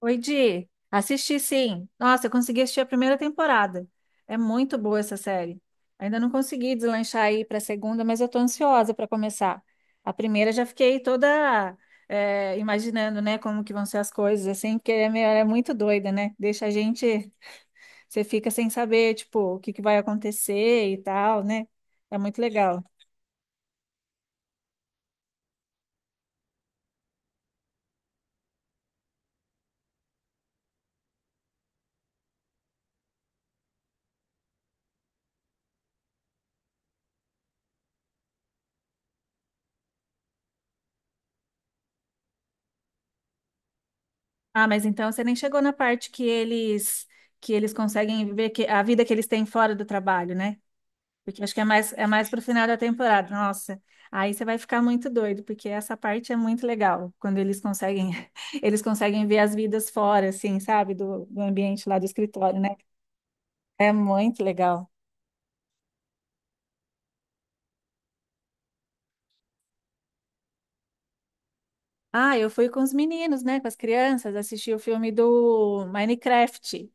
Oi, Di. Assisti sim. Nossa, eu consegui assistir a primeira temporada. É muito boa essa série. Ainda não consegui deslanchar aí para a segunda, mas eu tô ansiosa para começar. A primeira já fiquei toda imaginando, né, como que vão ser as coisas, assim, porque é muito doida, né? Você fica sem saber, tipo, o que que vai acontecer e tal, né? É muito legal. Ah, mas então você nem chegou na parte que eles conseguem viver a vida que eles têm fora do trabalho, né? Porque acho que é mais pro final da temporada. Nossa, aí você vai ficar muito doido, porque essa parte é muito legal, quando eles conseguem, eles conseguem ver as vidas fora, assim, sabe, do ambiente lá do escritório, né? É muito legal. Ah, eu fui com os meninos, né, com as crianças, assisti o filme do Minecraft.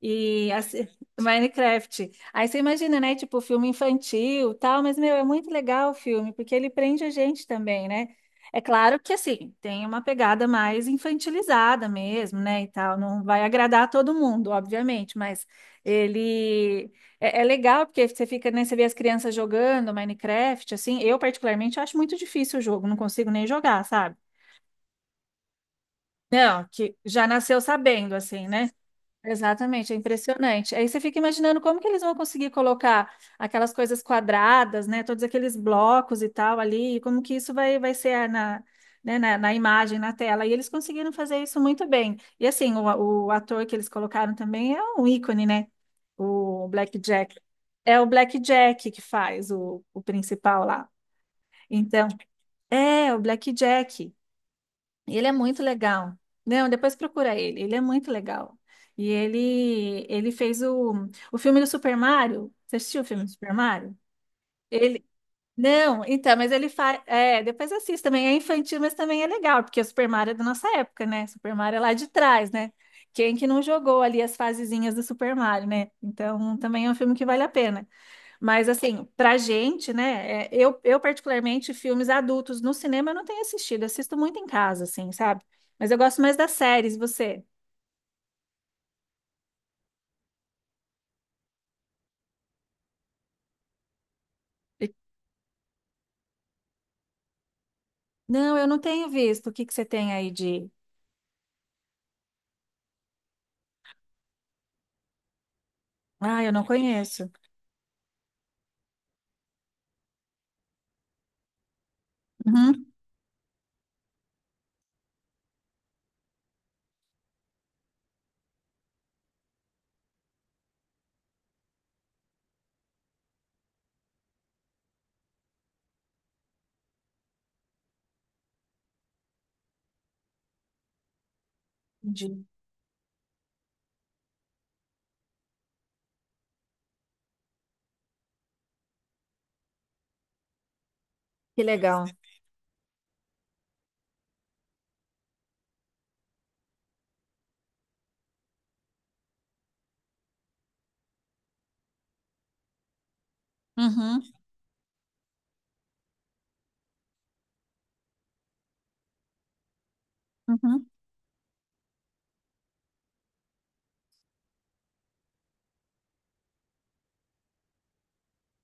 E assim, Minecraft. Aí você imagina, né? Tipo, filme infantil, tal, mas meu, é muito legal o filme, porque ele prende a gente também, né? É claro que assim, tem uma pegada mais infantilizada mesmo, né? E tal, não vai agradar a todo mundo, obviamente, mas ele é legal porque você fica, né? Você vê as crianças jogando Minecraft, assim. Eu, particularmente, acho muito difícil o jogo, não consigo nem jogar, sabe? Não, que já nasceu sabendo, assim, né? Exatamente, é impressionante. Aí você fica imaginando como que eles vão conseguir colocar aquelas coisas quadradas, né? Todos aqueles blocos e tal ali, e como que isso vai ser na, né, na imagem, na tela. E eles conseguiram fazer isso muito bem. E assim, o ator que eles colocaram também é um ícone, né? O Black Jack. É o Black Jack que faz o principal lá. Então, é o Black Jack. Ele é muito legal. Não, depois procura ele. Ele é muito legal. E ele fez o filme do Super Mario. Você assistiu o filme do Super Mario? Ele Não, então, mas ele faz, é, depois assiste também. É infantil, mas também é legal, porque o Super Mario é da nossa época, né? Super Mario é lá de trás, né? Quem que não jogou ali as fasezinhas do Super Mario, né? Então, também é um filme que vale a pena. Mas assim, pra gente, né? Eu particularmente, filmes adultos no cinema eu não tenho assistido, assisto muito em casa, assim, sabe? Mas eu gosto mais das séries, e você? E- Não, eu não tenho visto. O que que você tem aí de. Ah, eu não conheço. Uhum, entendi. Que legal. Uhum, uhum.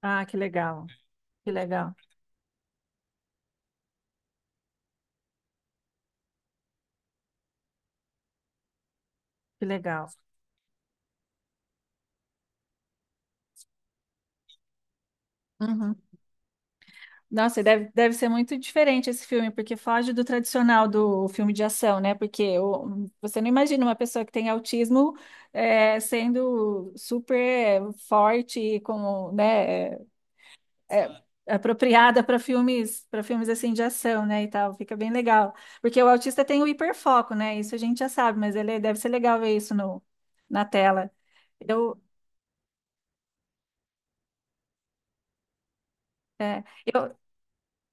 Ah, que legal. Que legal. Que legal. Uhum. Nossa, e deve ser muito diferente esse filme, porque foge do tradicional do filme de ação, né? Você não imagina uma pessoa que tem autismo sendo super forte e com, né, é, apropriada para filmes assim de ação, né, e tal. Fica bem legal. Porque o autista tem o hiperfoco, né? Isso a gente já sabe, mas ele deve ser legal ver isso no, na tela. Eu, é, eu,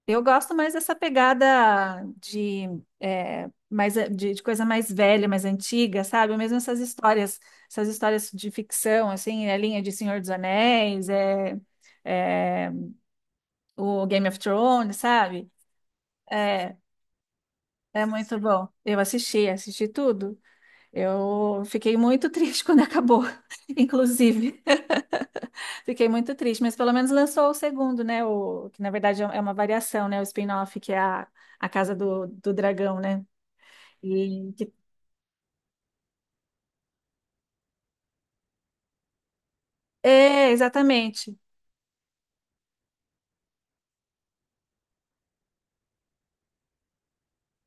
Eu gosto mais dessa pegada de, mais, de coisa mais velha, mais antiga, sabe? Mesmo essas histórias de ficção, assim, a linha de Senhor dos Anéis, é, o Game of Thrones, sabe? É, é muito bom. Eu assisti tudo. Eu fiquei muito triste quando acabou, inclusive. Fiquei muito triste, mas pelo menos lançou o segundo, né? Que na verdade é uma variação, né? O spin-off, que é a Casa do Dragão, né? E que- É, exatamente.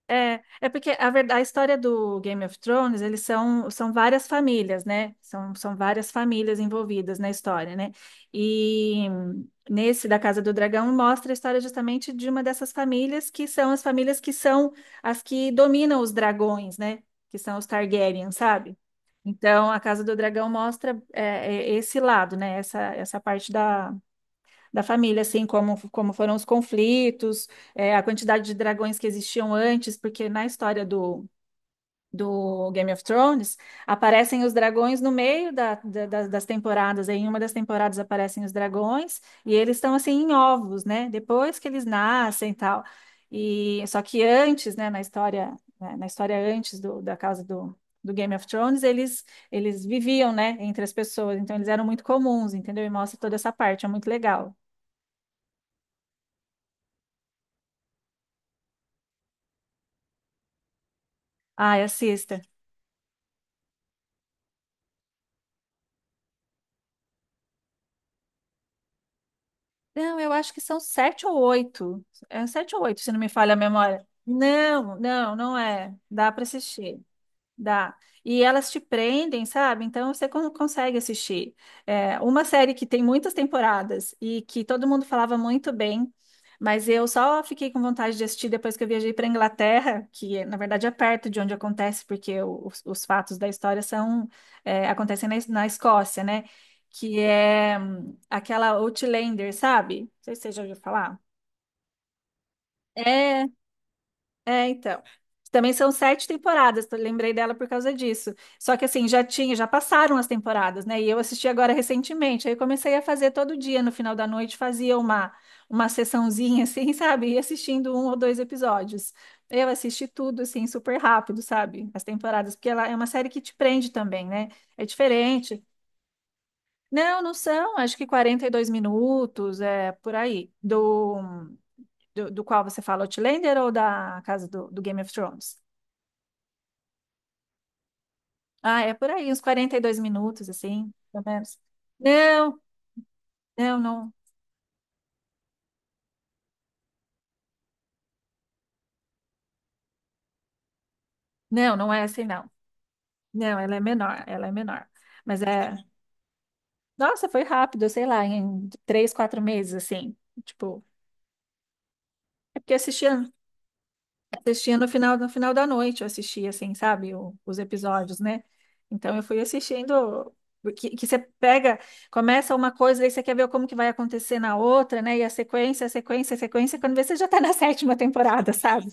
É porque a verdade, a história do Game of Thrones, eles são várias famílias, né? São várias famílias envolvidas na história, né? E nesse da Casa do Dragão mostra a história justamente de uma dessas famílias que são as famílias que são as que dominam os dragões, né? Que são os Targaryen, sabe? Então, a Casa do Dragão mostra esse lado, né? Essa parte da família, assim, como, como foram os conflitos, a quantidade de dragões que existiam antes, porque na história do, Game of Thrones aparecem os dragões no meio das temporadas. Em uma das temporadas aparecem os dragões e eles estão assim em ovos, né? Depois que eles nascem e tal. E só que antes, né, na história antes do, da causa do Game of Thrones, eles viviam, né, entre as pessoas, então eles eram muito comuns, entendeu? E mostra toda essa parte, é muito legal. Ai, assista. Não, eu acho que são sete ou oito. É sete ou oito, se não me falha a memória. Não, não, não é. Dá para assistir. Dá. E elas te prendem, sabe? Então você consegue assistir. É, uma série que tem muitas temporadas e que todo mundo falava muito bem, mas eu só fiquei com vontade de assistir depois que eu viajei para Inglaterra, que na verdade é perto de onde acontece, porque os fatos da história são acontecem na Escócia, né? Que é aquela Outlander, sabe? Não sei se você já ouviu falar. É. É, então. Também são sete temporadas, eu lembrei dela por causa disso. Só que assim, já tinha, já passaram as temporadas, né? E eu assisti agora recentemente. Aí eu comecei a fazer todo dia, no final da noite, fazia uma sessãozinha, assim, sabe? E assistindo um ou dois episódios. Eu assisti tudo, assim, super rápido, sabe? As temporadas, porque ela é uma série que te prende também, né? É diferente. Não, não são, acho que 42 minutos, é por aí. Do qual você fala, Outlander ou da casa do Game of Thrones? Ah, é por aí, uns 42 minutos, assim, pelo menos. Não, não, não. Não, não é assim, não. Não, ela é menor, ela é menor. Mas é. Nossa, foi rápido, sei lá, em 3, 4 meses, assim. Tipo, é porque assistia no final da noite, eu assistia, assim, sabe, os episódios, né? Então eu fui assistindo. Que você pega, começa uma coisa, aí você quer ver como que vai acontecer na outra, né? E a sequência, a sequência, a sequência, quando vê, você já tá na sétima temporada, sabe?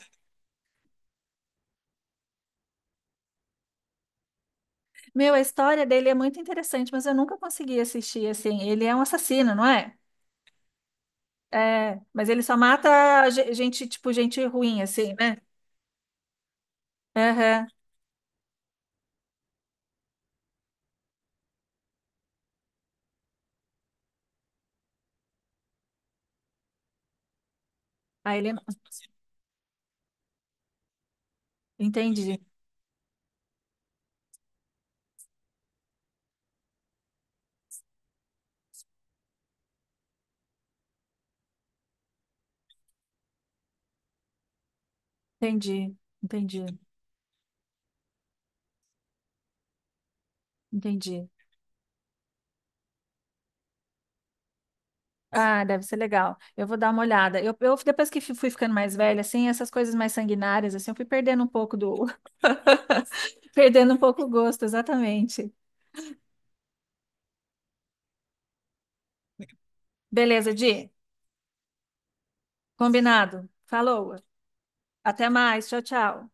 Meu, a história dele é muito interessante, mas eu nunca consegui assistir assim. Ele é um assassino, não é? É, mas ele só mata gente, tipo, gente ruim, assim, né? Aham. Aí ele. Entendi, entendi, entendi, entendi. Ah, deve ser legal. Eu vou dar uma olhada. Eu depois que fui ficando mais velha, assim, essas coisas mais sanguinárias, assim, eu fui perdendo um pouco do, perdendo um pouco o gosto, exatamente. Beleza, Di. Combinado. Falou. Até mais. Tchau, tchau.